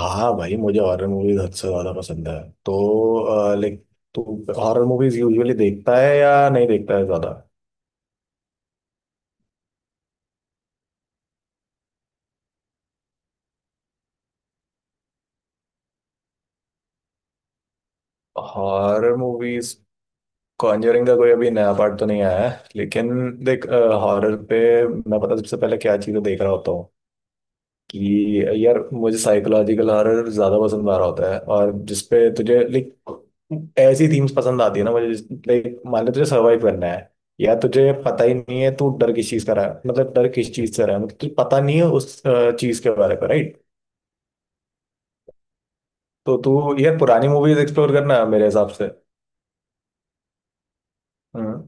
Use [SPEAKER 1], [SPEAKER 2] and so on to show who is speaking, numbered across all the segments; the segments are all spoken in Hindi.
[SPEAKER 1] हाँ भाई, मुझे हॉरर मूवीज हद से ज्यादा पसंद है। तो लाइक तू हॉरर मूवीज यूजुअली देखता है या नहीं देखता है ज्यादा? Horror movies. कॉन्जरिंग का कोई अभी नया पार्ट तो नहीं आया है, लेकिन देख, हॉरर पे मैं पता सबसे पहले क्या चीजें देख रहा होता हूँ, कि यार मुझे साइकोलॉजिकल हॉरर ज्यादा पसंद आ रहा होता है। और जिसपे तुझे लाइक, ऐसी थीम्स पसंद आती है ना मुझे। लाइक मान ले तुझे सर्वाइव करना है, या तुझे पता ही नहीं है तू डर किस चीज का रहा है, मतलब डर किस चीज से रहा है, मतलब तुझे पता नहीं है उस चीज के बारे में, राइट। तो तू, यार पुरानी मूवीज एक्सप्लोर करना है मेरे हिसाब से। हम्म।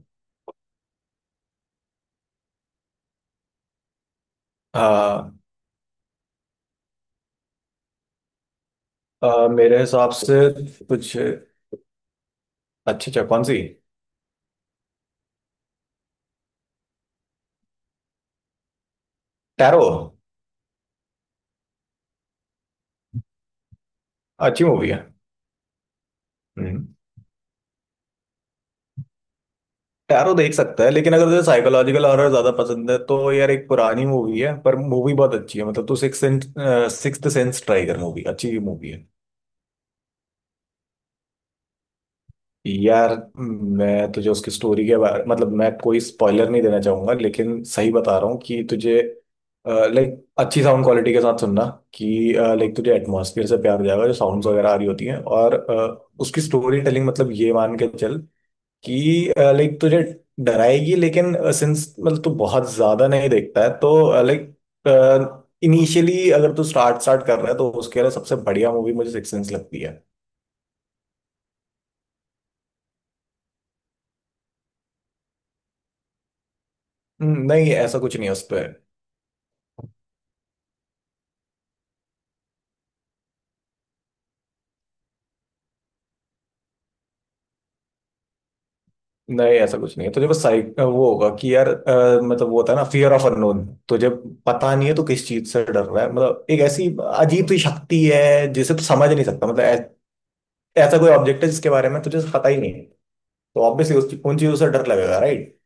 [SPEAKER 1] हाँ। मेरे हिसाब से कुछ अच्छी... अच्छा, कौन सी? टैरो अच्छी मूवी है। हम्म। टैरो देख सकता है, लेकिन अगर तुझे साइकोलॉजिकल हॉरर ज्यादा पसंद है तो यार, एक पुरानी मूवी है, पर मूवी बहुत अच्छी है। मतलब तू सिक्स्थ सेंस ट्राई कर, मूवी अच्छी मूवी है। यार मैं तुझे उसकी स्टोरी के बारे, मतलब मैं कोई स्पॉइलर नहीं देना चाहूंगा, लेकिन सही बता रहा हूँ कि तुझे लाइक, अच्छी साउंड क्वालिटी के साथ सुनना, कि लाइक तुझे एटमॉस्फेयर से प्यार हो जाएगा, जो साउंड्स वगैरह आ रही होती हैं, और उसकी स्टोरी टेलिंग। मतलब ये मान के चल कि लाइक तुझे डराएगी, लेकिन सिंस मतलब तू बहुत ज्यादा नहीं देखता है, तो लाइक इनिशियली अगर तू स्टार्ट स्टार्ट कर रहा है, तो उसके लिए सबसे बढ़िया मूवी मुझे सिक्स सेंस लगती है। नहीं ऐसा कुछ नहीं है उस पर। नहीं ऐसा कुछ नहीं है, तुझे बस साइक वो होगा कि यार मतलब वो होता है ना फियर ऑफ अननोन, तुझे पता नहीं है तू किस चीज से डर रहा है, मतलब एक ऐसी अजीब सी शक्ति है जिसे तू समझ नहीं सकता, मतलब ऐसा कोई ऑब्जेक्ट है जिसके बारे में तुझे पता ही नहीं है, तो ऑब्वियसली उस उन चीजों से डर लगेगा, राइट।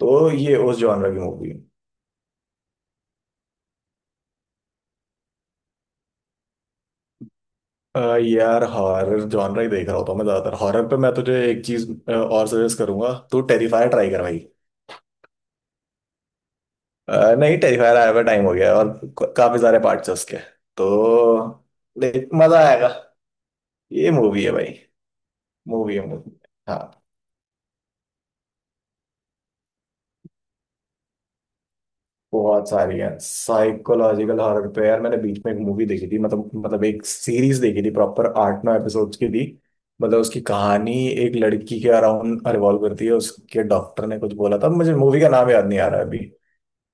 [SPEAKER 1] तो ये उस जॉनर की मूवी। यार हॉरर जॉनर ही देख रहा होता हूँ मैं ज्यादातर। हॉरर पे मैं तुझे एक चीज और सजेस्ट करूंगा, तू टेरिफायर ट्राई कर भाई। नहीं, टेरिफायर आया हुआ टाइम हो गया है, और काफी सारे पार्ट्स हैं उसके, तो देख मजा आएगा। ये मूवी है भाई। मूवी है, मूवी। हाँ। बहुत सारी है साइकोलॉजिकल हॉरर पे। यार मैंने बीच में एक मूवी देखी थी, मतलब एक सीरीज देखी थी, प्रॉपर 8-9 एपिसोड्स की थी। मतलब उसकी कहानी एक लड़की के अराउंड रिवॉल्व करती है, उसके डॉक्टर ने कुछ बोला था। मुझे मूवी का नाम याद नहीं आ रहा है अभी।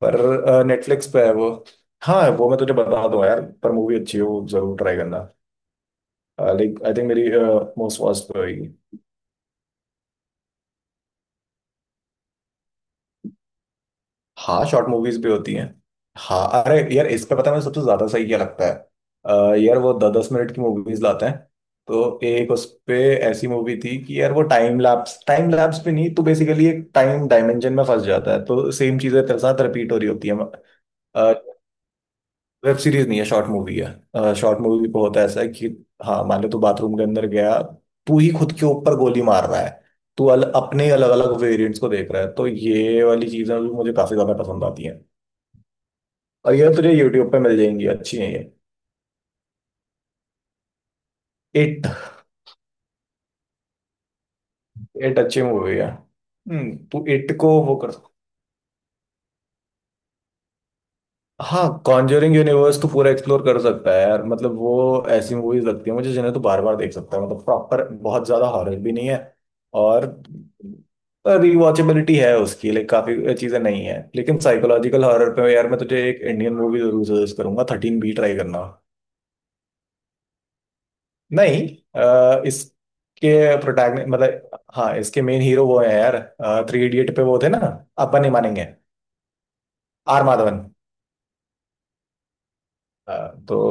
[SPEAKER 1] पर नेटफ्लिक्स पे है वो। हाँ, वो मैं तुझे बता दूंगा यार, पर मूवी अच्छी है, वो जरूर ट्राई करना। लाइक आई थिंक मेरी मोस्ट वॉच पे होगी। हाँ, शॉर्ट मूवीज भी होती हैं। हाँ, अरे यार, इस पे पता है मुझे सबसे ज्यादा सही क्या लगता है? यार वो 10-10 मिनट की मूवीज लाते हैं। तो एक उस पे ऐसी मूवी थी कि यार, वो टाइम लैप्स, टाइम लैप्स पे नहीं, तो बेसिकली एक टाइम डायमेंशन में फंस जाता है, तो सेम चीजें तेरे साथ रिपीट हो रही होती है। वेब सीरीज नहीं है, शॉर्ट मूवी है। शॉर्ट मूवी पे होता है, ऐसा है कि हाँ, मान लो तू बाथरूम के अंदर गया। तू ही खुद के ऊपर गोली मार रहा है। तू अपने अलग अलग वेरिएंट्स को देख रहा है, तो ये वाली चीजें भी मुझे काफी ज्यादा पसंद आती। और ये तुझे यूट्यूब पे मिल जाएंगी, अच्छी है ये। इट इट अच्छी मूवी है। तू इट को वो कर सकता। हाँ, कॉन्जरिंग यूनिवर्स तो पूरा एक्सप्लोर कर सकता है यार, मतलब वो ऐसी मूवीज लगती है मुझे जिन्हें तो बार बार देख सकता है। मतलब प्रॉपर बहुत ज्यादा हॉरर भी नहीं है, और रिवॉचेबिलिटी है उसकी लाइक, काफी चीजें नहीं है। लेकिन साइकोलॉजिकल हॉरर पे यार मैं तुझे एक इंडियन मूवी जरूर सजेस्ट करूंगा, थर्टीन बी ट्राई करना। नहीं। इसके प्रोटैगनि मतलब हाँ, इसके मेन हीरो वो है यार। थ्री इडियट पे वो थे ना, अपन नहीं मानेंगे। आर माधवन। अ, तो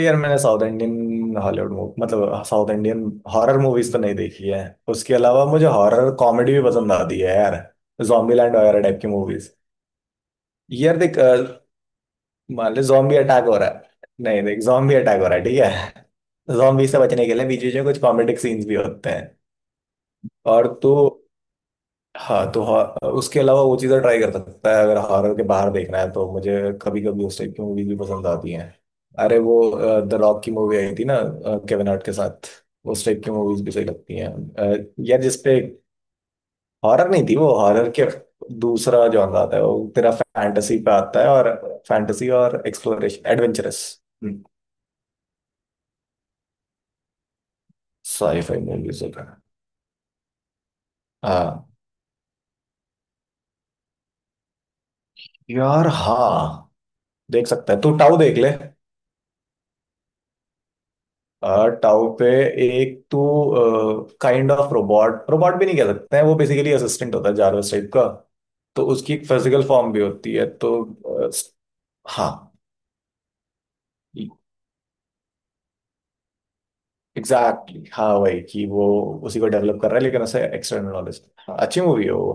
[SPEAKER 1] यार मैंने साउथ इंडियन हॉलीवुड मूवी, मतलब साउथ इंडियन हॉरर मूवीज तो नहीं देखी है। उसके अलावा मुझे हॉरर कॉमेडी भी पसंद आती है यार, जॉम्बी लैंड वगैरह टाइप की मूवीज। यार देख, मान ले जॉम्बी अटैक हो रहा है। नहीं देख, जॉम्बी अटैक हो रहा है, ठीक है, जॉम्बी से बचने के लिए बीच बीच में कुछ कॉमेडिक सीन्स भी होते हैं। और तू, हाँ तो, हाँ उसके अलावा वो चीज़ें ट्राई कर सकता है अगर हॉरर के बाहर देखना है। तो मुझे कभी कभी उस टाइप की मूवीज भी पसंद आती हैं। अरे वो द रॉक की मूवी आई थी ना, केविन हार्ट के साथ। उस टाइप की मूवीज भी सही लगती हैं। यार जिसपे हॉरर नहीं थी, वो हॉरर के दूसरा जॉनर आता है। वो तेरा फैंटेसी पे आता है, और फैंटेसी और एक्सप्लोरेशन एडवेंचरस साईफाई मूवीज होता है। हाँ यार, हाँ देख सकता है तू, टाउ देख ले। टाउ पे एक तो काइंड ऑफ रोबोट, रोबोट भी नहीं कह सकते हैं, वो बेसिकली असिस्टेंट होता है, जारवस टाइप का। तो उसकी एक फिजिकल फॉर्म भी होती है, तो हाँ एग्जैक्टली, हाँ वही, कि वो उसी को डेवलप कर रहा है लेकिन उसे एक्सटर्नल नॉलेज। हाँ अच्छी मूवी है वो।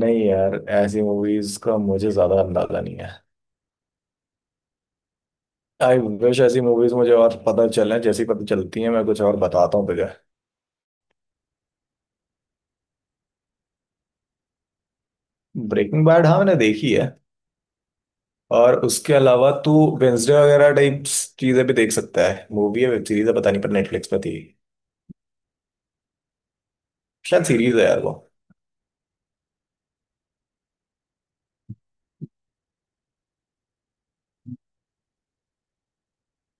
[SPEAKER 1] नहीं यार, ऐसी मूवीज का मुझे ज्यादा अंदाजा नहीं है। आई विश ऐसी मूवीज मुझे और पता चले, जैसी पता चलती है मैं कुछ और बताता हूँ तुझे। ब्रेकिंग बैड, हाँ मैंने देखी है। और उसके अलावा तू वेंसडे वगैरह टाइप्स चीजें भी देख सकता है। मूवी है, वेब सीरीज है, पता नहीं, पर नेटफ्लिक्स पे थी। शायद सीरीज है यार वो।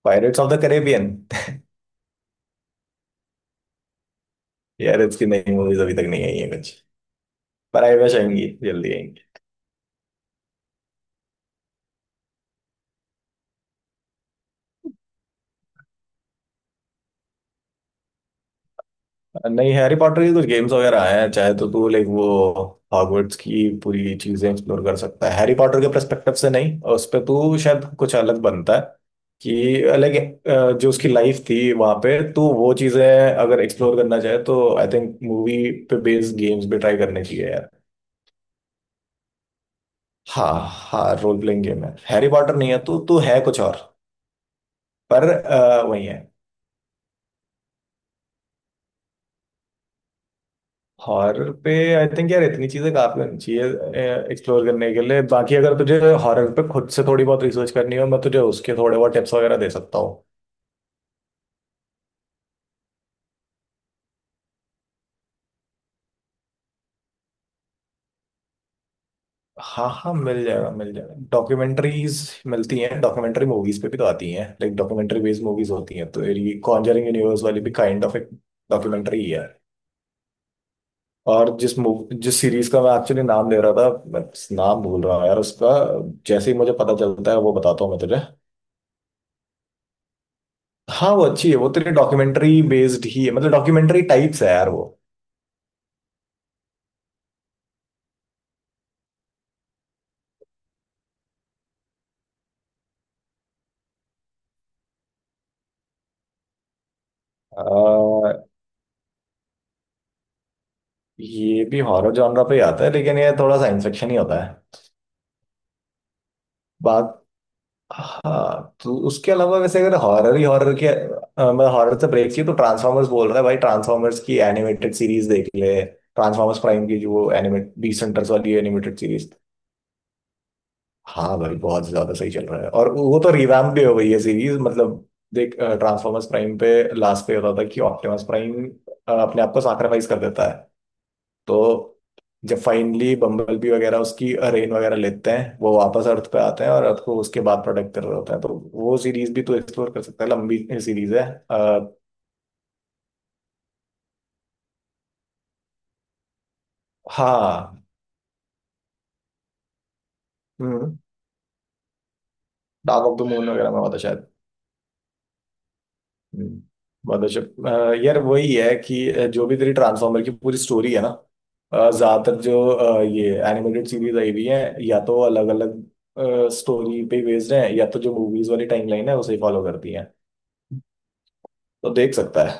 [SPEAKER 1] Pirates of the Caribbean. यार इसकी नई मूवीज अभी तक नहीं आई है कुछ, पर आई विश आएंगी, जल्दी आएंगी। नहीं, हैरी पॉटर की कुछ गेम्स वगैरह आए हैं, चाहे तो तू लाइक वो हॉगवर्ट्स की पूरी चीजें एक्सप्लोर कर सकता है। हैरी पॉटर के पर्सपेक्टिव से नहीं, उस पे तू शायद कुछ अलग बनता है, कि अलग, जो उसकी लाइफ थी वहां पे, तो वो चीजें अगर एक्सप्लोर करना चाहे, तो आई थिंक मूवी पे बेस्ड गेम्स भी ट्राई करने चाहिए यार। हाँ, हाँ, रोल प्लेइंग गेम है। हैरी पॉटर नहीं है तो तू है कुछ और। पर वही है, हॉरर पे आई थिंक यार इतनी चीजें काफी होनी चाहिए एक्सप्लोर करने के लिए। बाकी अगर तुझे हॉरर पे खुद से थोड़ी बहुत रिसर्च करनी हो, मैं तुझे उसके थोड़े बहुत टिप्स वगैरह दे सकता हूँ। हाँ, हाँ, मिल जाएगा, मिल जाएगा। डॉक्यूमेंट्रीज मिलती हैं, डॉक्यूमेंट्री मूवीज पे भी तो आती हैं, लाइक डॉक्यूमेंट्री बेस्ड मूवीज होती हैं। तो ये कॉन्जरिंग यूनिवर्स वाली भी काइंड ऑफ एक डॉक्यूमेंट्री ही है। और जिस सीरीज का मैं एक्चुअली नाम दे रहा था, मैं नाम भूल रहा हूँ यार उसका। जैसे ही मुझे पता चलता है वो बताता हूँ मैं तुझे। हाँ, वो अच्छी है, वो तेरे डॉक्यूमेंट्री बेस्ड ही है, मतलब डॉक्यूमेंट्री टाइप्स है यार वो। आ, ये भी हॉरर जॉनरा पे ही आता है, लेकिन ये थोड़ा साइंस फिक्शन ही होता है। बात। हाँ तो उसके अलावा वैसे, अगर हॉरर ही हॉरर के मतलब हॉरर से ब्रेक चाहिए, तो ट्रांसफॉर्मर्स बोल रहा है भाई, ट्रांसफॉर्मर्स की एनिमेटेड सीरीज देख ले, ट्रांसफॉर्मर्स प्राइम की, जो एनिमेट 20 सेंटर्स वाली एनिमेटेड सीरीज। हाँ भाई, बहुत ज्यादा सही चल रहा है, और वो तो रिवैम्प भी हो गई है सीरीज मतलब। देख ट्रांसफॉर्मर्स प्राइम पे, लास्ट पे होता था कि ऑप्टिमस प्राइम अपने आप को सैक्रिफाइस कर देता है, तो जब फाइनली बम्बलबी वगैरह उसकी रेन वगैरह लेते हैं, वो वापस अर्थ पे आते हैं और अर्थ को उसके बाद प्रोटेक्ट कर रहे होते हैं, तो वो सीरीज भी तो एक्सप्लोर कर सकता है लंबी। सीरीज है। अ, हाँ। डार्क ऑफ द मून वगैरह में होता शायद। हम्म, मदरशिप यार वही है कि जो भी तेरी ट्रांसफॉर्मर की पूरी स्टोरी है ना, ज्यादातर जो ये एनिमेटेड सीरीज आई हुई है, या तो अलग अलग स्टोरी पे बेस्ड है, या तो जो मूवीज वाली टाइमलाइन है उसे फॉलो करती है, तो देख सकता है।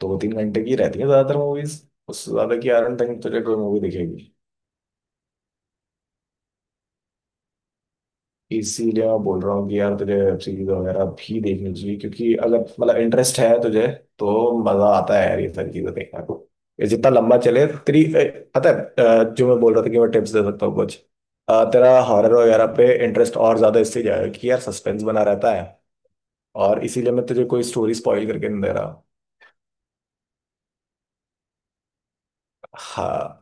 [SPEAKER 1] 2-3 घंटे की रहती है ज्यादातर मूवीज। उससे ज्यादा की आयरन तक तुझे कोई मूवी दिखेगी। इसीलिए मैं बोल रहा हूँ कि यार तुझे वेब सीरीज वगैरह भी देखनी चाहिए, क्योंकि अगर मतलब इंटरेस्ट है तुझे, तो मजा आता है यार ये सारी चीजें देखने को। ये जितना लंबा चले तेरी, पता है? जो मैं बोल रहा था कि मैं टिप्स दे सकता हूँ कुछ, तेरा हॉरर वगैरह पे इंटरेस्ट और ज्यादा इससे जाएगा कि यार सस्पेंस बना रहता है, और इसीलिए मैं तुझे कोई स्टोरी स्पॉइल करके नहीं दे रहा। हाँ,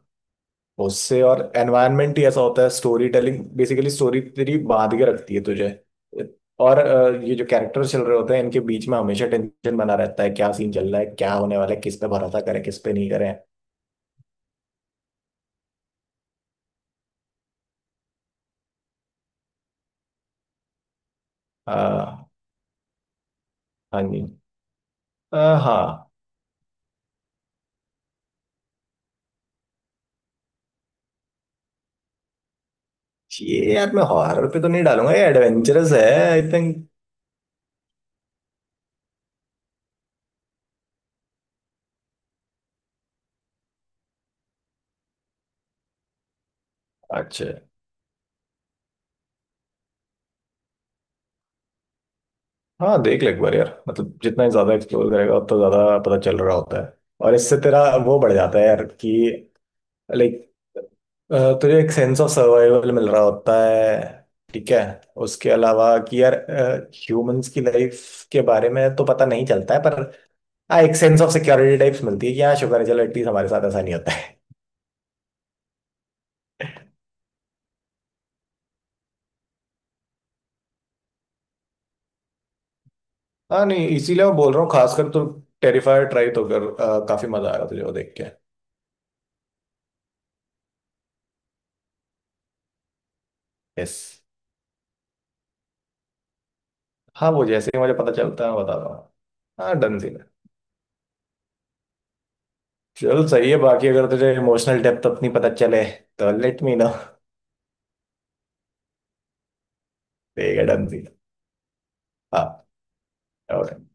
[SPEAKER 1] उससे, और एनवायरनमेंट ही ऐसा होता है, स्टोरी टेलिंग बेसिकली स्टोरी तेरी बांध के रखती है तुझे। और ये जो कैरेक्टर्स चल रहे होते हैं, इनके बीच में हमेशा टेंशन बना रहता है, क्या सीन चल रहा है, क्या होने वाला है, किस पे भरोसा करें, किस पे नहीं करें। हाँ जी। अ, हाँ। ये यार मैं हॉरर पे तो नहीं डालूंगा, ये एडवेंचरस है, आई थिंक। अच्छा हाँ, देख ले एक बार यार। मतलब जितना ही ज्यादा एक्सप्लोर करेगा, उतना ज्यादा पता चल रहा होता है, और इससे तेरा वो बढ़ जाता है यार, कि लाइक तुझे एक सेंस ऑफ सर्वाइवल मिल रहा होता है, ठीक है? उसके अलावा कि यार ह्यूमंस की लाइफ के बारे में तो पता नहीं चलता है, पर हाँ, एक सेंस ऑफ सिक्योरिटी टाइप्स मिलती है कि हाँ, शुक्र है, चलो एटलीस्ट हमारे साथ ऐसा नहीं होता है। हाँ नहीं, इसीलिए मैं बोल रहा हूँ, खासकर तो टेरिफायर ट्राई तो कर, काफी मजा आएगा तुझे वो देख के। यस। हाँ, वो जैसे ही मुझे पता चलता है मैं बता रहा हूँ। हाँ, डन सीन है। चल सही है, बाकी अगर तुझे इमोशनल डेप्थ अपनी पता चले, तो लेट मी नो। ठीक है, डन सीन। हाँ और